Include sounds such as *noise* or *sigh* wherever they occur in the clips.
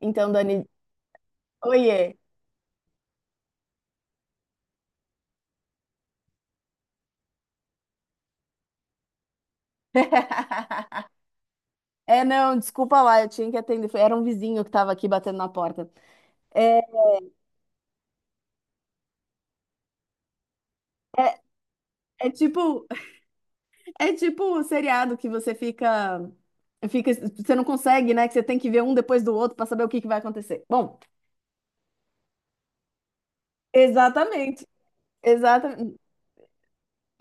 Então, Dani, oiê. *laughs* É, não, desculpa lá, eu tinha que atender. Era um vizinho que tava aqui batendo na porta. É, é, É tipo, *laughs* é tipo o seriado que você fica, você não consegue, né? Que você tem que ver um depois do outro para saber o que que vai acontecer. Bom, exatamente, exatamente.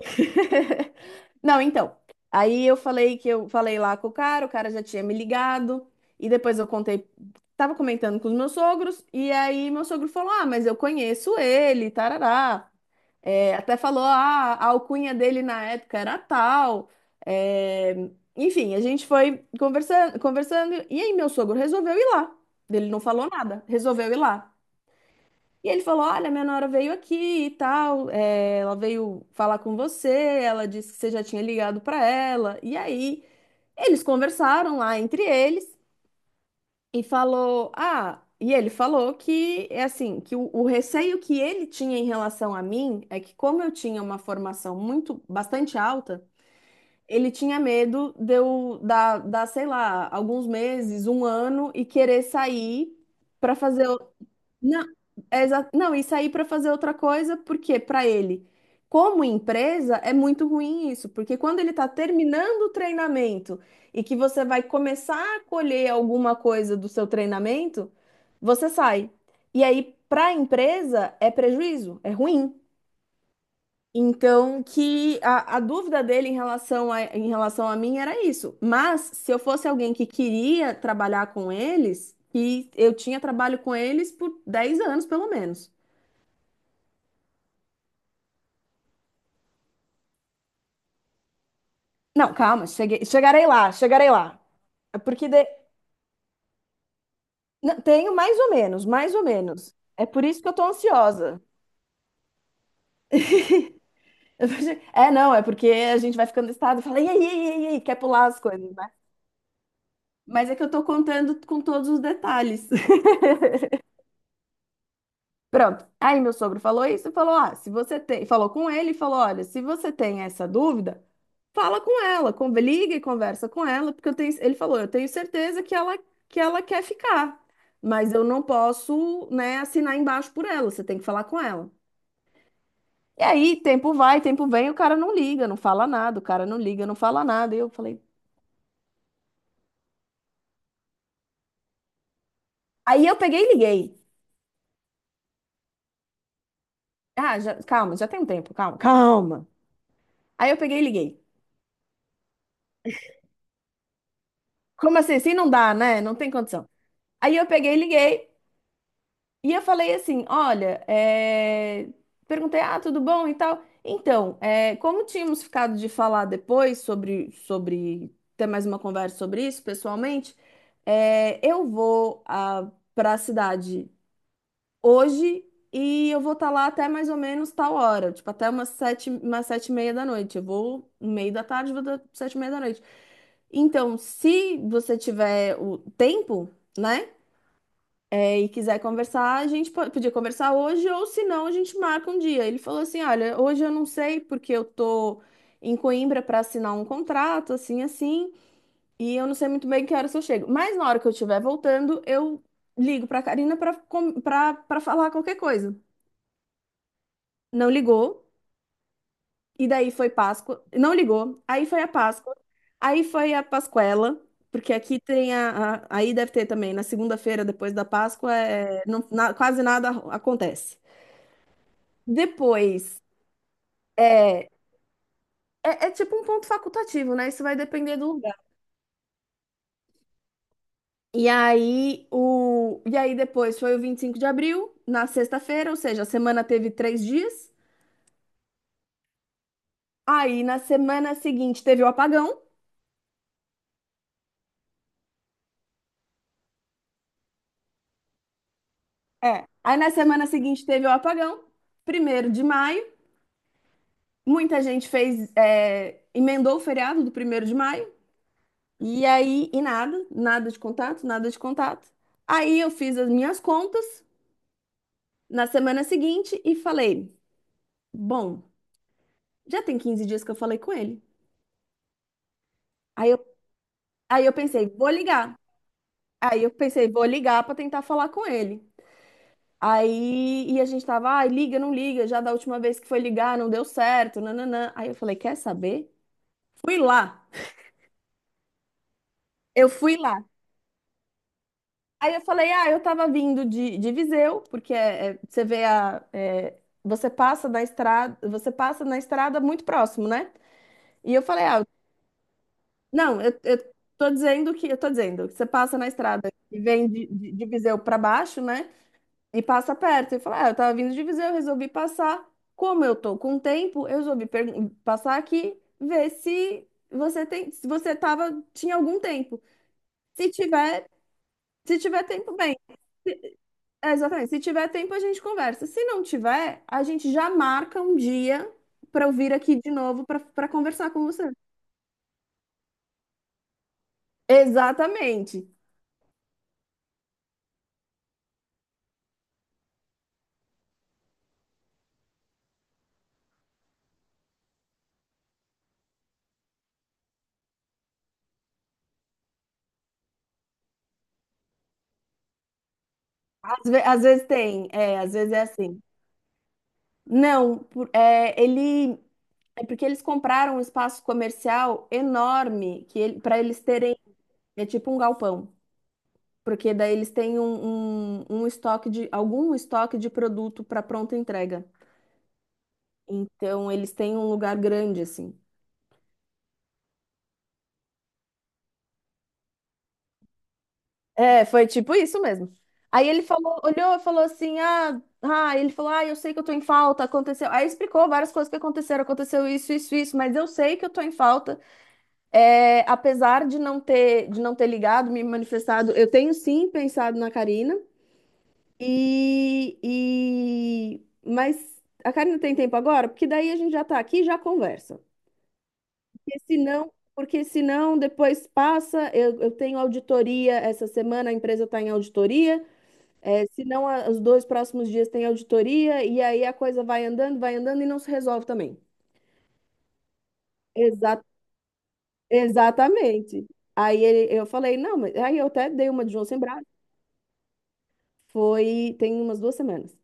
*laughs* Não, então. Aí eu falei que eu falei lá com o cara já tinha me ligado, e depois eu contei, tava comentando com os meus sogros, e aí meu sogro falou: "Ah, mas eu conheço ele, tarará." É, até falou: "Ah, a alcunha dele na época era tal." É, enfim, a gente foi conversando, conversando, e aí meu sogro resolveu ir lá. Ele não falou nada, resolveu ir lá. E ele falou: "Olha, minha nora veio aqui e tal, é, ela veio falar com você, ela disse que você já tinha ligado para ela." E aí eles conversaram lá entre eles e falou: "Ah", e ele falou que é assim, que o receio que ele tinha em relação a mim é que, como eu tinha uma formação muito, bastante alta, ele tinha medo de eu dar, sei lá, alguns meses, um ano e querer sair para fazer. Não, não, e sair para fazer outra coisa, porque para ele, como empresa, é muito ruim isso, porque quando ele está terminando o treinamento e que você vai começar a colher alguma coisa do seu treinamento, você sai. E aí, para a empresa, é prejuízo, é ruim. Então, que a dúvida dele em relação a mim era isso. Mas, se eu fosse alguém que queria trabalhar com eles, que eu tinha trabalho com eles por 10 anos, pelo menos. Não, calma, cheguei, chegarei lá, chegarei lá. É porque de- não, tenho mais ou menos, mais ou menos. É por isso que eu tô ansiosa. *laughs* É, não, é porque a gente vai ficando estado e fala, e aí, e aí, e aí, quer pular as coisas, né? Mas é que eu tô contando com todos os detalhes. *laughs* Pronto. Aí meu sogro falou isso e falou: "Ah, se você tem", falou com ele e falou: "Olha, se você tem essa dúvida, fala com ela, liga e conversa com ela, porque eu tenho", ele falou, "eu tenho certeza que ela quer ficar, mas eu não posso, né, assinar embaixo por ela, você tem que falar com ela". E aí, tempo vai, tempo vem, o cara não liga, não fala nada, o cara não liga, não fala nada. E eu falei: "Aí eu peguei e liguei. Calma, já tem um tempo, calma, calma. Aí eu peguei e liguei. Como assim? Assim não dá, né? Não tem condição. Aí eu peguei e liguei." E eu falei assim: "Olha, é, perguntei, ah, tudo bom e tal. Então, é, como tínhamos ficado de falar depois sobre ter mais uma conversa sobre isso pessoalmente, é, eu vou para a cidade hoje e eu vou estar lá até mais ou menos tal hora, tipo até umas 7h, umas 7h30 da noite. Eu vou no meio da tarde, vou das 7h30 da noite. Então, se você tiver o tempo, né? É, e quiser conversar, a gente podia conversar hoje, ou se não, a gente marca um dia." Ele falou assim: "Olha, hoje eu não sei porque eu tô em Coimbra para assinar um contrato, assim, assim, e eu não sei muito bem que horas eu chego. Mas na hora que eu estiver voltando, eu ligo para Karina para falar qualquer coisa." Não ligou, e daí foi Páscoa. Não ligou, aí foi a Páscoa, aí foi a Pascuela. Porque aqui Aí deve ter também, na segunda-feira, depois da Páscoa, é, quase nada acontece. Depois, é, é, é tipo um ponto facultativo, né? Isso vai depender do lugar. E aí, e aí depois foi o 25 de abril, na sexta-feira, ou seja, a semana teve 3 dias. Aí na semana seguinte teve o apagão. É. Aí na semana seguinte teve o apagão, 1º de maio. Muita gente fez, é, emendou o feriado do 1º de maio. E aí, e nada, nada de contato, nada de contato. Aí eu fiz as minhas contas na semana seguinte e falei. Bom, já tem 15 dias que eu falei com ele. Aí eu, aí eu pensei, vou ligar. Aí eu pensei, vou ligar pra tentar falar com ele. Aí e a gente tava, ai, liga, não liga, já da última vez que foi ligar não deu certo, nananã. Aí eu falei, quer saber? Fui lá. Eu fui lá. Aí eu falei, ah, eu tava vindo de Viseu, porque é, é, você vê a é, você passa na estrada, você passa na estrada muito próximo, né? E eu falei, ah, não, eu tô dizendo que você passa na estrada e vem de Viseu para baixo, né? E passa perto. E fala, ah, eu tava vindo de Viseu, eu resolvi passar. Como eu tô com tempo, eu resolvi passar aqui, ver se você tem, se você tava, tinha algum tempo. Se tiver, Se tiver tempo, bem. É, exatamente. Se tiver tempo, a gente conversa. Se não tiver, a gente já marca um dia para eu vir aqui de novo para conversar com você. Exatamente. Às vezes tem, é, às vezes é assim. Não, é, ele é porque eles compraram um espaço comercial enorme que ele, para eles terem é tipo um galpão, porque daí eles têm um estoque de algum estoque de produto para pronta entrega. Então eles têm um lugar grande assim. É, foi tipo isso mesmo. Aí ele falou, olhou e falou assim: "Ah, ah", ele falou, "ah, eu sei que eu tô em falta, aconteceu." Aí explicou várias coisas que aconteceram, aconteceu isso, isso, isso, mas eu sei que eu tô em falta. É, apesar de não ter ligado, me manifestado, eu tenho sim pensado na Karina. E, e... Mas a Karina tem tempo agora? Porque daí a gente já tá aqui e já conversa. Porque senão depois passa, eu tenho auditoria essa semana, a empresa está em auditoria. É, senão, os dois próximos dias tem auditoria, e aí a coisa vai andando e não se resolve também. Exa- Exatamente. Aí ele- eu falei, não, mas aí eu até dei uma de João Sem. Foi, tem umas 2 semanas.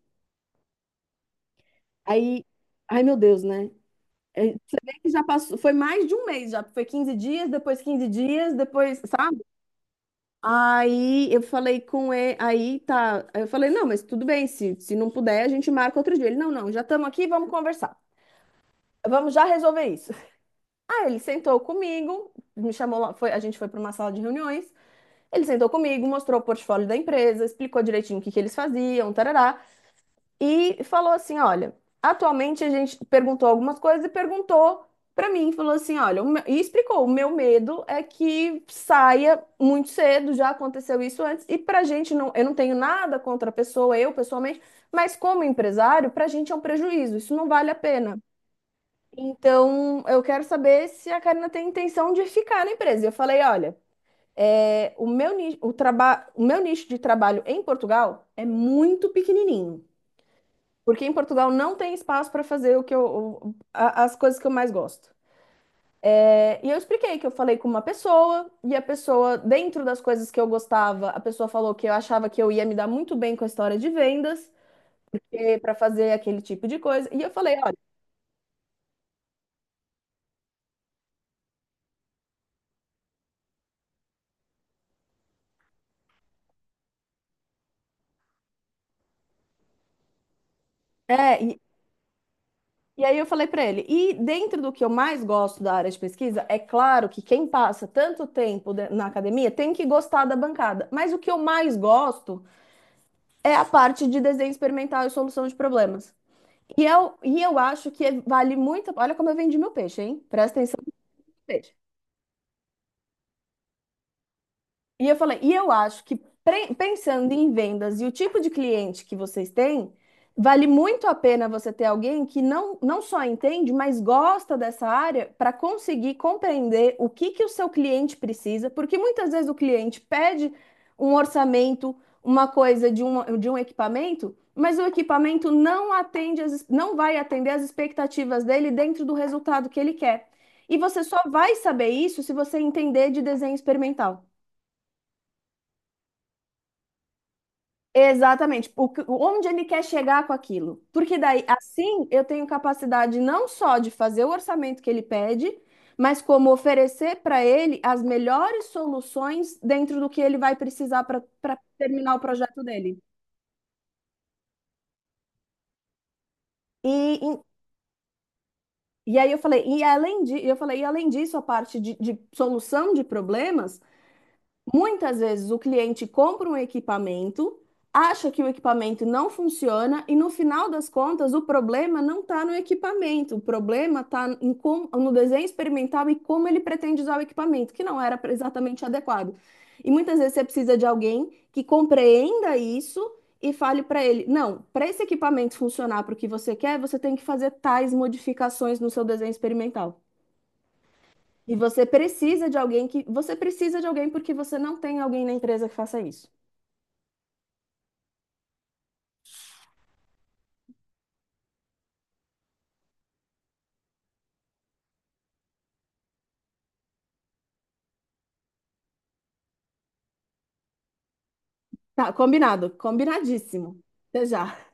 Aí, ai meu Deus, né? É, você vê que já passou, foi mais de um mês já, foi 15 dias, depois 15 dias, depois, sabe? Aí eu falei com ele, aí tá, aí eu falei, não, mas tudo bem, se não puder, a gente marca outro dia. Ele, não, não, já estamos aqui, vamos conversar. Vamos já resolver isso. Aí ele sentou comigo, me chamou lá, foi, a gente foi para uma sala de reuniões. Ele sentou comigo, mostrou o portfólio da empresa, explicou direitinho o que que eles faziam, tarará. E falou assim: "Olha, atualmente a gente perguntou algumas coisas e perguntou para mim", falou assim: "Olha, e explicou: "O meu medo é que saia muito cedo, já aconteceu isso antes, e para a gente não, eu não tenho nada contra a pessoa, eu pessoalmente, mas como empresário, para a gente é um prejuízo, isso não vale a pena. Então, eu quero saber se a Karina tem intenção de ficar na empresa." E eu falei: "Olha, é, o meu nicho de trabalho em Portugal é muito pequenininho. Porque em Portugal não tem espaço para fazer o que eu, as coisas que eu mais gosto." É, e eu expliquei que eu falei com uma pessoa, e a pessoa, dentro das coisas que eu gostava, a pessoa falou que eu achava que eu ia me dar muito bem com a história de vendas, para fazer aquele tipo de coisa. E eu falei, olha, é, e aí eu falei para ele, e dentro do que eu mais gosto da área de pesquisa, é claro que quem passa tanto tempo na academia tem que gostar da bancada, mas o que eu mais gosto é a parte de desenho experimental e solução de problemas. E eu acho que vale muito. Olha como eu vendi meu peixe, hein? Presta atenção no peixe. E eu falei, e eu acho que pensando em vendas e o tipo de cliente que vocês têm, vale muito a pena você ter alguém que não, não só entende, mas gosta dessa área para conseguir compreender o que que o seu cliente precisa, porque muitas vezes o cliente pede um orçamento, uma coisa de um equipamento, mas o equipamento não atende as, não vai atender as expectativas dele dentro do resultado que ele quer. E você só vai saber isso se você entender de desenho experimental. Exatamente, o que- onde ele quer chegar com aquilo. Porque daí, assim, eu tenho capacidade não só de fazer o orçamento que ele pede, mas como oferecer para ele as melhores soluções dentro do que ele vai precisar para terminar o projeto dele. E, e, e aí eu falei, eu falei, e além disso, a parte de solução de problemas, muitas vezes o cliente compra um equipamento, acha que o equipamento não funciona e no final das contas o problema não está no equipamento, o problema está no desenho experimental e como ele pretende usar o equipamento, que não era exatamente adequado. E muitas vezes você precisa de alguém que compreenda isso e fale para ele: "Não, para esse equipamento funcionar para o que você quer, você tem que fazer tais modificações no seu desenho experimental." E você precisa de alguém que. Você precisa de alguém porque você não tem alguém na empresa que faça isso. Tá, combinado. Combinadíssimo. Até já.